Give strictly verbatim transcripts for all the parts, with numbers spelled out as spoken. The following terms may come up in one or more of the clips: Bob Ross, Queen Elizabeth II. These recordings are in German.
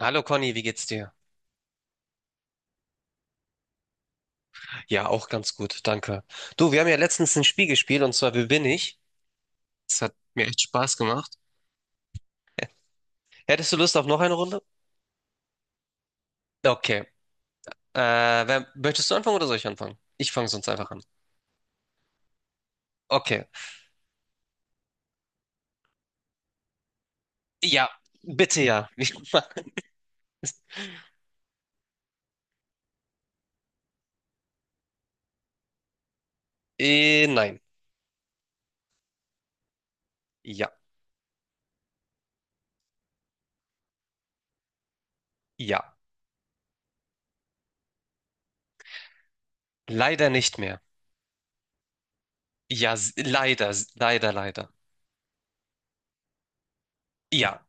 Hallo Conny, wie geht's dir? Ja, auch ganz gut, danke. Du, wir haben ja letztens ein Spiel gespielt, und zwar Wer bin ich? Das hat mir echt Spaß gemacht. Hättest du Lust auf noch eine Runde? Okay. Äh, wer, Möchtest du anfangen oder soll ich anfangen? Ich fange sonst einfach an. Okay. Ja, bitte ja. Äh, nein. Ja, ja. Leider nicht mehr. Ja, s- leider, s- leider, leider. Ja,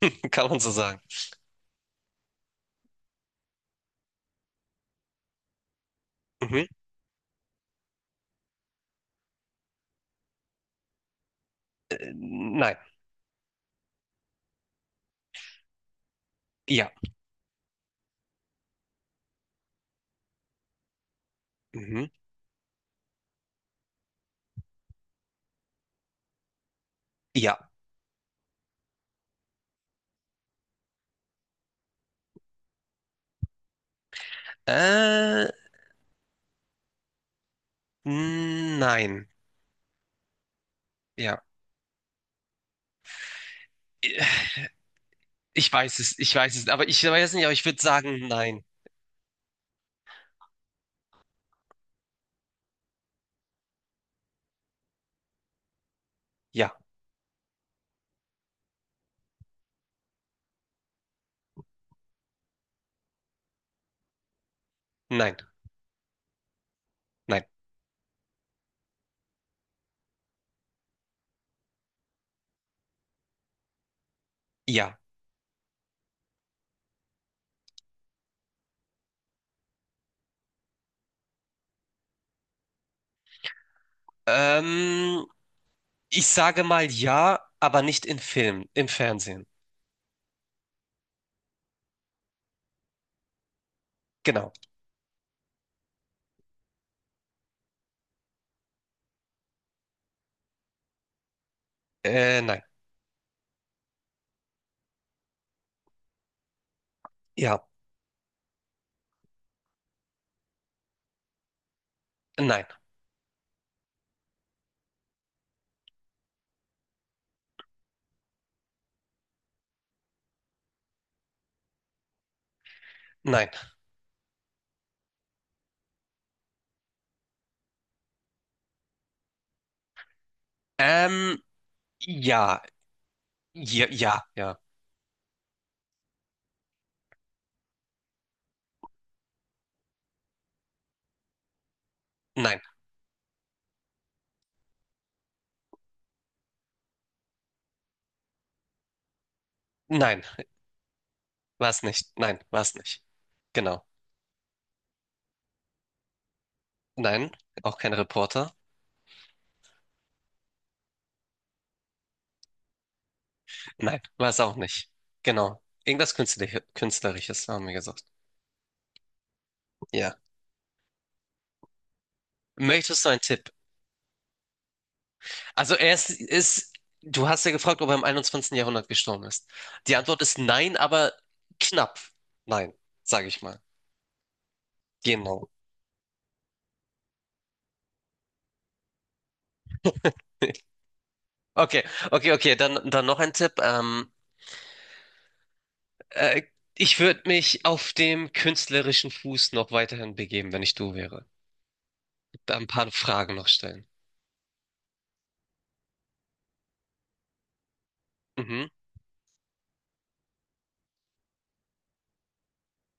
kann man so sagen. Mhm. Äh, nein. Ja. Mhm. Ja. Äh, nein. Ja. Äh, Ich weiß es, ich weiß es, aber ich weiß nicht, aber ich würde sagen, nein. Ja, nein, nein, ja. Ähm, Ich sage mal ja, aber nicht in Filmen, im Fernsehen. Genau. Äh, nein. Ja, nein, nein. Ähm, ja, ja, ja, ja. Nein, nein, war es nicht. Nein, war es nicht. Genau. Nein, auch kein Reporter. Nein, war es auch nicht. Genau. Irgendwas Künstler Künstlerisches, haben wir gesagt. Ja. Möchtest du einen Tipp? Also er ist, ist, du hast ja gefragt, ob er im einundzwanzigsten Jahrhundert gestorben ist. Die Antwort ist nein, aber knapp. Nein, sage ich mal. Genau. Okay, okay, okay. Dann, dann noch ein Tipp. Ähm, äh, Ich würde mich auf dem künstlerischen Fuß noch weiterhin begeben, wenn ich du wäre. Da ein paar Fragen noch stellen. Mhm.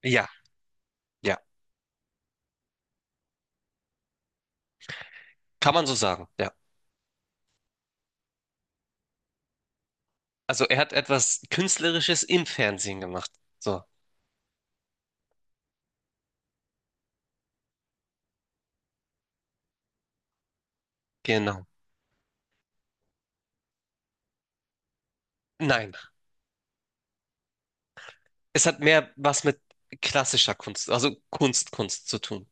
Ja, ja. Kann man so sagen, ja. Also er hat etwas Künstlerisches im Fernsehen gemacht. So, genau. Nein, es hat mehr was mit klassischer Kunst, also Kunst, Kunst zu tun.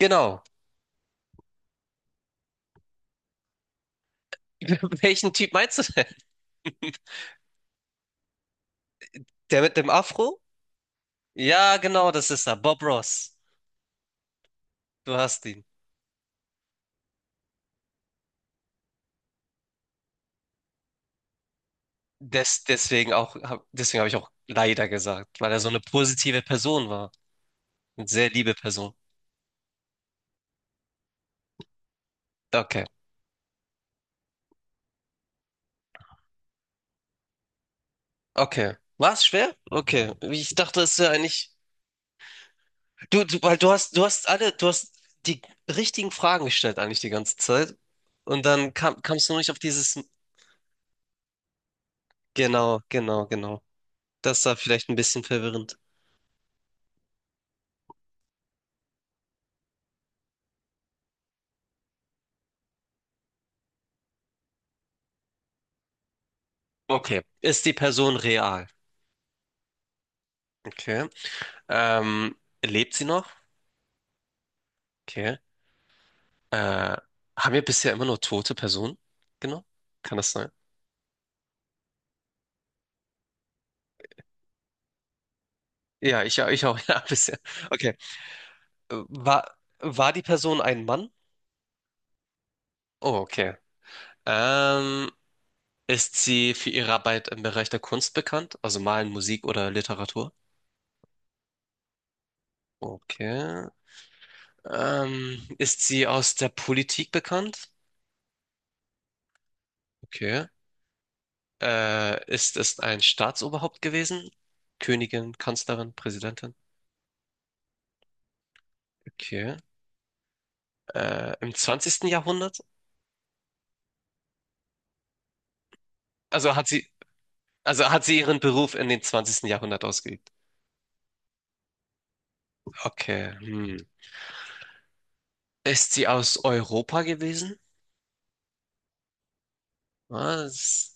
Genau. Welchen Typ meinst du denn? Der mit dem Afro? Ja, genau, das ist er. Bob Ross. Du hast ihn. Des, deswegen auch, hab- deswegen habe ich auch leider gesagt, weil er so eine positive Person war. Eine sehr liebe Person. Okay. Okay. War es schwer? Okay. Ich dachte, es wäre eigentlich. Du, du, weil du hast, du hast alle, du hast die richtigen Fragen gestellt eigentlich die ganze Zeit. Und dann kam, kamst du nur nicht auf dieses. Genau, genau, genau. Das war vielleicht ein bisschen verwirrend. Okay. Ist die Person real? Okay. Ähm, Lebt sie noch? Okay. Äh, Haben wir bisher immer nur tote Personen? Genau. Kann das sein? Ja, ich, ja, ich auch, ja, bisher. Okay. Äh, War, war die Person ein Mann? Oh, okay. Ähm, Ist sie für ihre Arbeit im Bereich der Kunst bekannt? Also Malen, Musik oder Literatur? Okay. Ähm, ist sie aus der Politik bekannt? Okay. Äh, ist es ein Staatsoberhaupt gewesen? Königin, Kanzlerin, Präsidentin? Okay. Äh, im zwanzigsten Jahrhundert? Also hat sie, also hat sie ihren Beruf in den zwanzigsten Jahrhundert ausgeübt. Okay. Hm. Ist sie aus Europa gewesen? Was?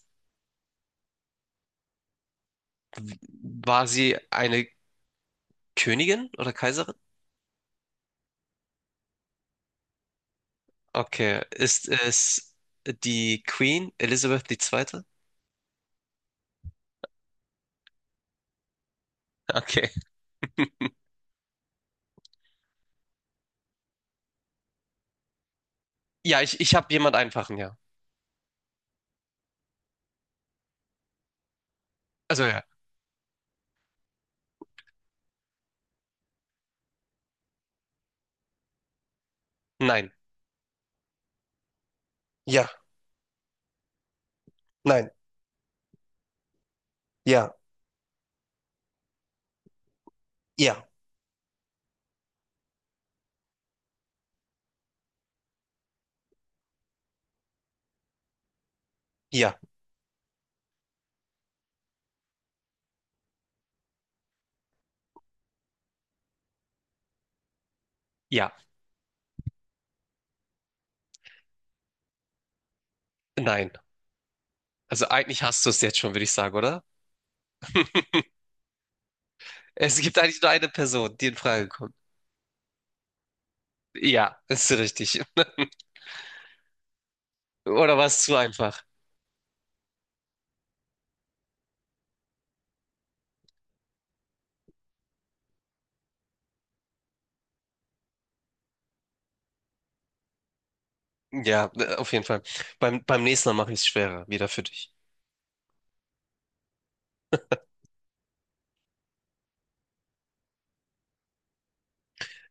War sie eine Königin oder Kaiserin? Okay. Ist es die Queen Elizabeth die Zweite.? Okay. Ja, ich, ich habe jemand einfachen, ja. Also ja. Nein. Ja, nein, ja, ja, ja. Ja, nein. Also eigentlich hast du es jetzt schon, würde ich sagen, oder? Es gibt eigentlich nur eine Person, die in Frage kommt. Ja, ist richtig. Oder war es zu einfach? Ja, äh, auf jeden Fall. Beim, beim nächsten Mal mache ich es schwerer, wieder für dich.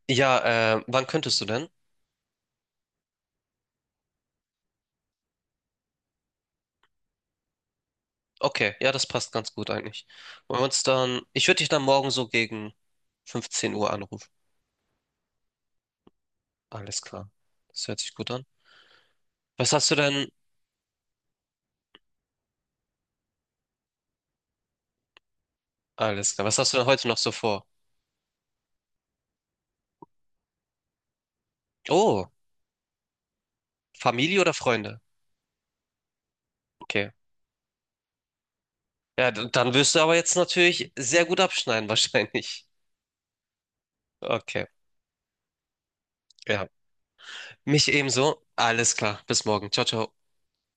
Ja, äh, wann könntest du denn? Okay, ja, das passt ganz gut eigentlich. Wollen wir uns dann, ich würde dich dann morgen so gegen fünfzehn Uhr anrufen. Alles klar. Das hört sich gut an. Was hast du denn? Alles klar. Was hast du denn heute noch so vor? Oh, Familie oder Freunde? Okay. Ja, d- dann wirst du aber jetzt natürlich sehr gut abschneiden, wahrscheinlich. Okay, ja. Mich ebenso. Alles klar. Bis morgen. Ciao, ciao.